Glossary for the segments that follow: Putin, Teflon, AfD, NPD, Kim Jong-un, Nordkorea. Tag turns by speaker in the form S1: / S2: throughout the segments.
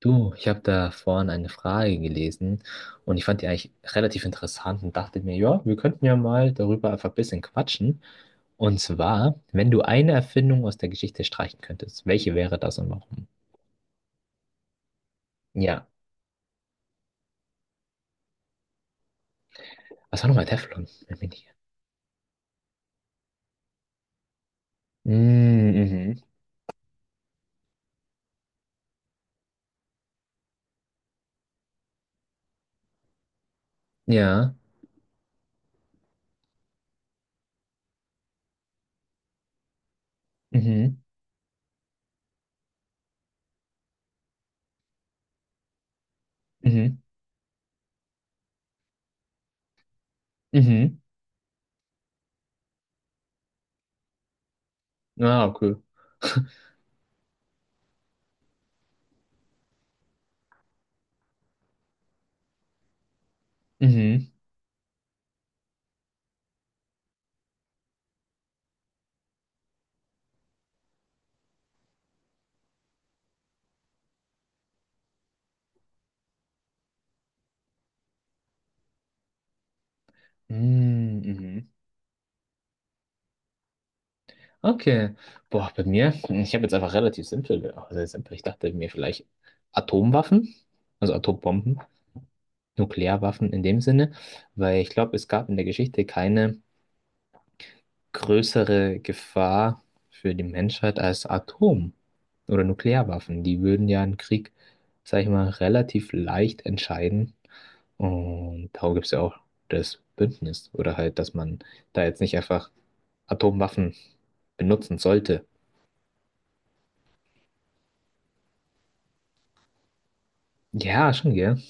S1: Du, ich habe da vorhin eine Frage gelesen und ich fand die eigentlich relativ interessant und dachte mir, ja, wir könnten ja mal darüber einfach ein bisschen quatschen. Und zwar, wenn du eine Erfindung aus der Geschichte streichen könntest, welche wäre das und warum? Ja. Was war nochmal Teflon? Wenn mich nicht- Mm. Mhm. Ja. Mhm. Mhm. Mhm. Ah, cool. Mhm. Mhm. Okay. Boah, bei mir, hm, ich habe jetzt einfach relativ simpel, also simpel. Ich dachte mir vielleicht Atomwaffen, also Atombomben, Nuklearwaffen in dem Sinne, weil ich glaube, es gab in der Geschichte keine größere Gefahr für die Menschheit als Atom- oder Nuklearwaffen. Die würden ja einen Krieg, sag ich mal, relativ leicht entscheiden. Und darum gibt es ja auch das Bündnis oder halt, dass man da jetzt nicht einfach Atomwaffen benutzen sollte. Ja, schon, gell?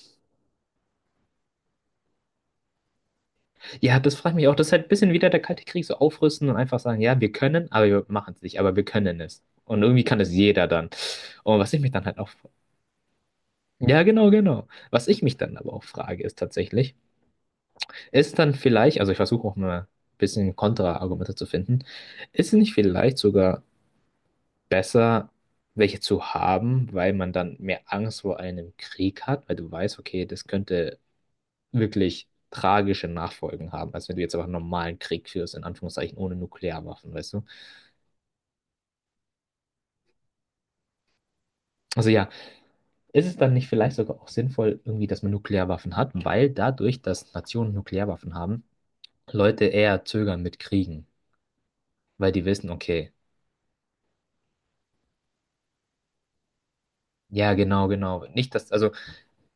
S1: Ja, das frage ich mich auch. Das ist halt ein bisschen wieder der Kalte Krieg, so aufrüsten und einfach sagen, ja, wir können, aber wir machen es nicht, aber wir können es. Und irgendwie kann es jeder dann. Und was ich mich dann halt auch, ja, genau, genau. Was ich mich dann aber auch frage, ist tatsächlich, ist dann vielleicht, also ich versuche auch mal ein bisschen Kontraargumente zu finden, ist es nicht vielleicht sogar besser, welche zu haben, weil man dann mehr Angst vor einem Krieg hat, weil du weißt, okay, das könnte wirklich tragische Nachfolgen haben, als wenn du jetzt aber einen normalen Krieg führst, in Anführungszeichen ohne Nuklearwaffen, weißt du? Also ja, ist es dann nicht vielleicht sogar auch sinnvoll, irgendwie, dass man Nuklearwaffen hat, weil dadurch, dass Nationen Nuklearwaffen haben, Leute eher zögern mit Kriegen, weil die wissen, okay, ja, genau, genau. Nicht, dass, also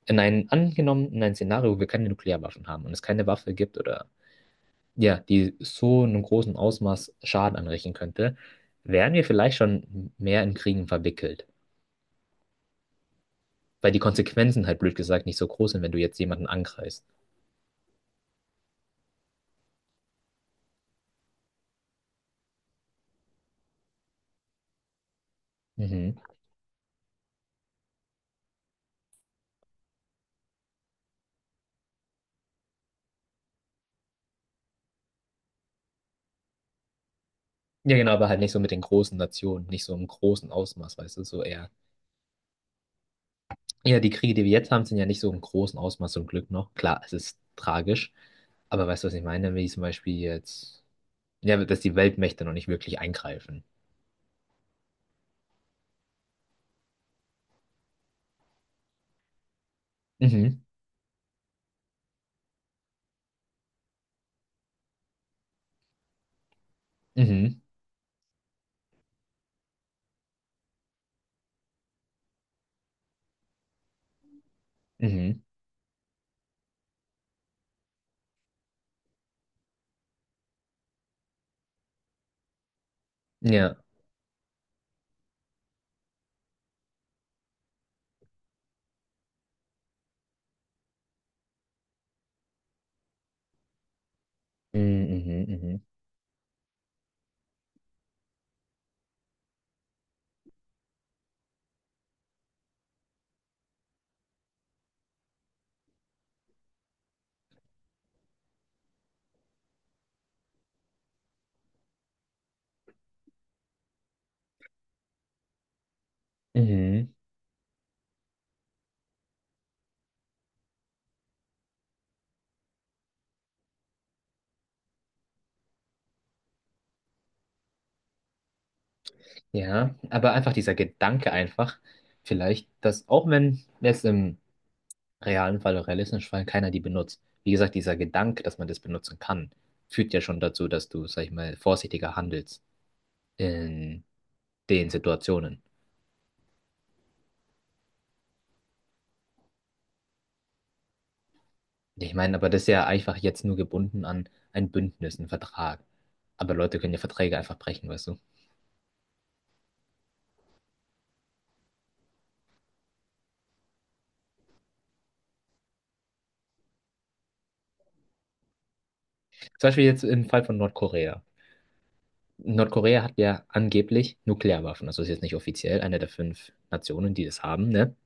S1: in einem, angenommen, in einem Szenario, wo wir keine Nuklearwaffen haben und es keine Waffe gibt oder ja, die so in einem großen Ausmaß Schaden anrichten könnte, wären wir vielleicht schon mehr in Kriegen verwickelt. Weil die Konsequenzen halt blöd gesagt nicht so groß sind, wenn du jetzt jemanden angreifst. Mhm. Ja, genau, aber halt nicht so mit den großen Nationen, nicht so im großen Ausmaß, weißt du, so eher. Ja, die Kriege, die wir jetzt haben, sind ja nicht so im großen Ausmaß zum Glück noch. Klar, es ist tragisch, aber weißt du, was ich meine? Wie zum Beispiel jetzt, ja, dass die Weltmächte noch nicht wirklich eingreifen. Mhm. Mhm. Mhm. Ja. Mhm. Mhm. Mhm. Mhm. Ja, aber einfach dieser Gedanke einfach, vielleicht, dass auch wenn jetzt im realen Fall, oder realistischen Fall, keiner die benutzt. Wie gesagt, dieser Gedanke, dass man das benutzen kann, führt ja schon dazu, dass du, sag ich mal, vorsichtiger handelst in den Situationen. Ich meine, aber das ist ja einfach jetzt nur gebunden an ein Bündnis, einen Vertrag. Aber Leute können ja Verträge einfach brechen, weißt du? Zum Beispiel jetzt im Fall von Nordkorea. Nordkorea hat ja angeblich Nuklearwaffen. Also ist jetzt nicht offiziell eine der fünf Nationen, die das haben, ne?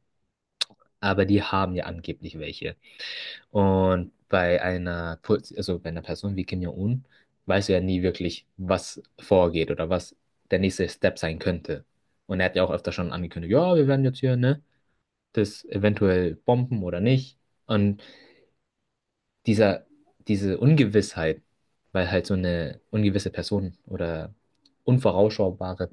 S1: Aber die haben ja angeblich welche. Und bei einer, Pu- also bei einer Person wie Kim Jong-un weißt du ja nie wirklich, was vorgeht oder was der nächste Step sein könnte. Und er hat ja auch öfter schon angekündigt, ja, wir werden jetzt hier, ne, das eventuell bomben oder nicht. Und dieser, diese Ungewissheit, weil halt so eine ungewisse Person oder unvorausschaubare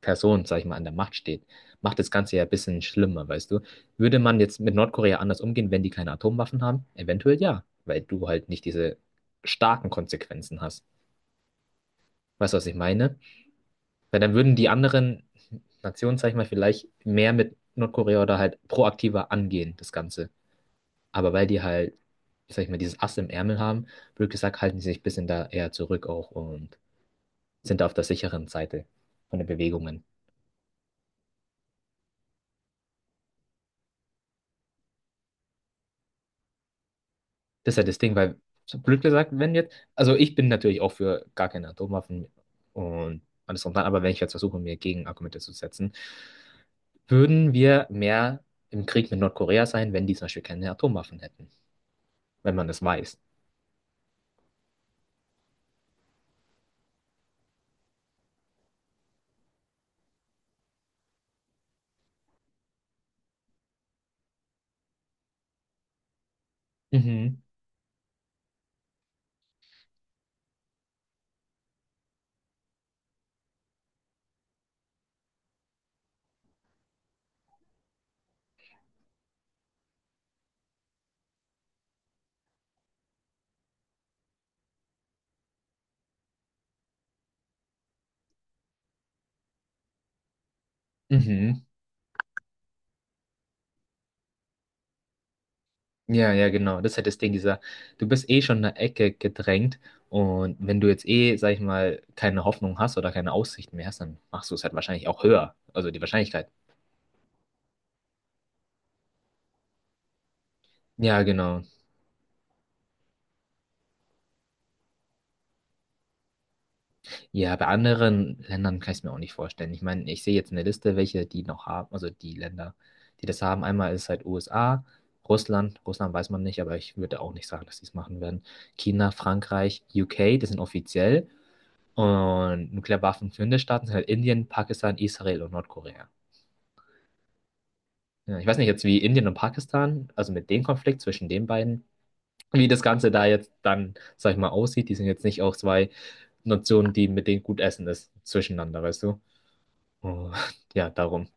S1: Person, sag ich mal, an der Macht steht, macht das Ganze ja ein bisschen schlimmer, weißt du? Würde man jetzt mit Nordkorea anders umgehen, wenn die keine Atomwaffen haben? Eventuell ja, weil du halt nicht diese starken Konsequenzen hast. Weißt du, was ich meine? Weil dann würden die anderen Nationen, sag ich mal, vielleicht mehr mit Nordkorea oder halt proaktiver angehen, das Ganze. Aber weil die halt, sag ich mal, dieses Ass im Ärmel haben, blöd gesagt, halten die sich ein bisschen da eher zurück auch und sind da auf der sicheren Seite von den Bewegungen. Das ist halt das Ding, weil, so blöd gesagt, wenn jetzt, also ich bin natürlich auch für gar keine Atomwaffen und alles drum und dran, aber wenn ich jetzt versuche, mir Gegenargumente zu setzen, würden wir mehr im Krieg mit Nordkorea sein, wenn die zum Beispiel keine Atomwaffen hätten, wenn man das weiß. Mhm. Mhm. Ja, ja, genau. Das ist halt das Ding, dieser, du bist eh schon in der Ecke gedrängt und wenn du jetzt eh, sag ich mal, keine Hoffnung hast oder keine Aussicht mehr hast, dann machst du es halt wahrscheinlich auch höher. Also die Wahrscheinlichkeit. Ja, genau. Ja, bei anderen Ländern kann ich es mir auch nicht vorstellen. Ich meine, ich sehe jetzt eine Liste, welche die noch haben, also die Länder, die das haben. Einmal ist halt USA, Russland. Russland weiß man nicht, aber ich würde auch nicht sagen, dass die es machen werden. China, Frankreich, UK, das sind offiziell. Und Nuklearwaffen führende Staaten sind halt Indien, Pakistan, Israel und Nordkorea. Ja, ich weiß nicht jetzt, wie Indien und Pakistan, also mit dem Konflikt zwischen den beiden, wie das Ganze da jetzt dann, sag ich mal, aussieht. Die sind jetzt nicht auch zwei Nationen, die mit denen gut essen ist, zwischeneinander, weißt du? Und ja, darum.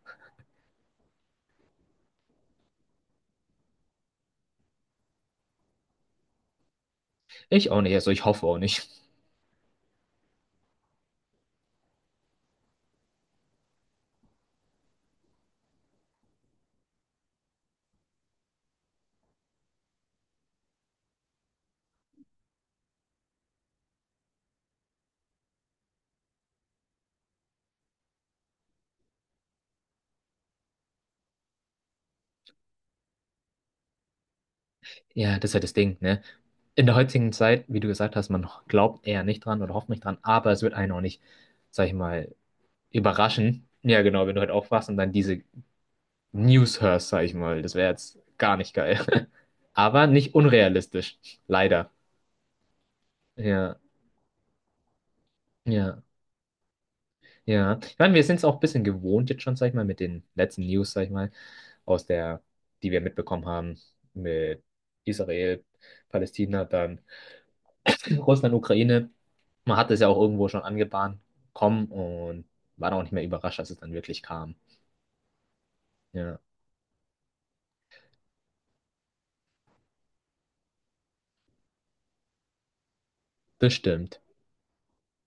S1: Ich auch nicht, also ich hoffe auch nicht. Ja, das ist ja das Ding, ne? In der heutigen Zeit, wie du gesagt hast, man glaubt eher nicht dran oder hofft nicht dran, aber es wird einen auch nicht, sag ich mal, überraschen. Ja, genau, wenn du halt aufwachst und dann diese Newshurst, sag ich mal. Das wäre jetzt gar nicht geil. Aber nicht unrealistisch. Leider. Ja, ja, ja. Ich meine, wir sind es auch ein bisschen gewohnt jetzt schon, sag ich mal, mit den letzten News, sag ich mal, aus der, die wir mitbekommen haben, mit Israel, Palästina, dann Russland, Ukraine. Man hat es ja auch irgendwo schon angebahnt, kommen und war dann auch nicht mehr überrascht, als es dann wirklich kam. Ja, das stimmt.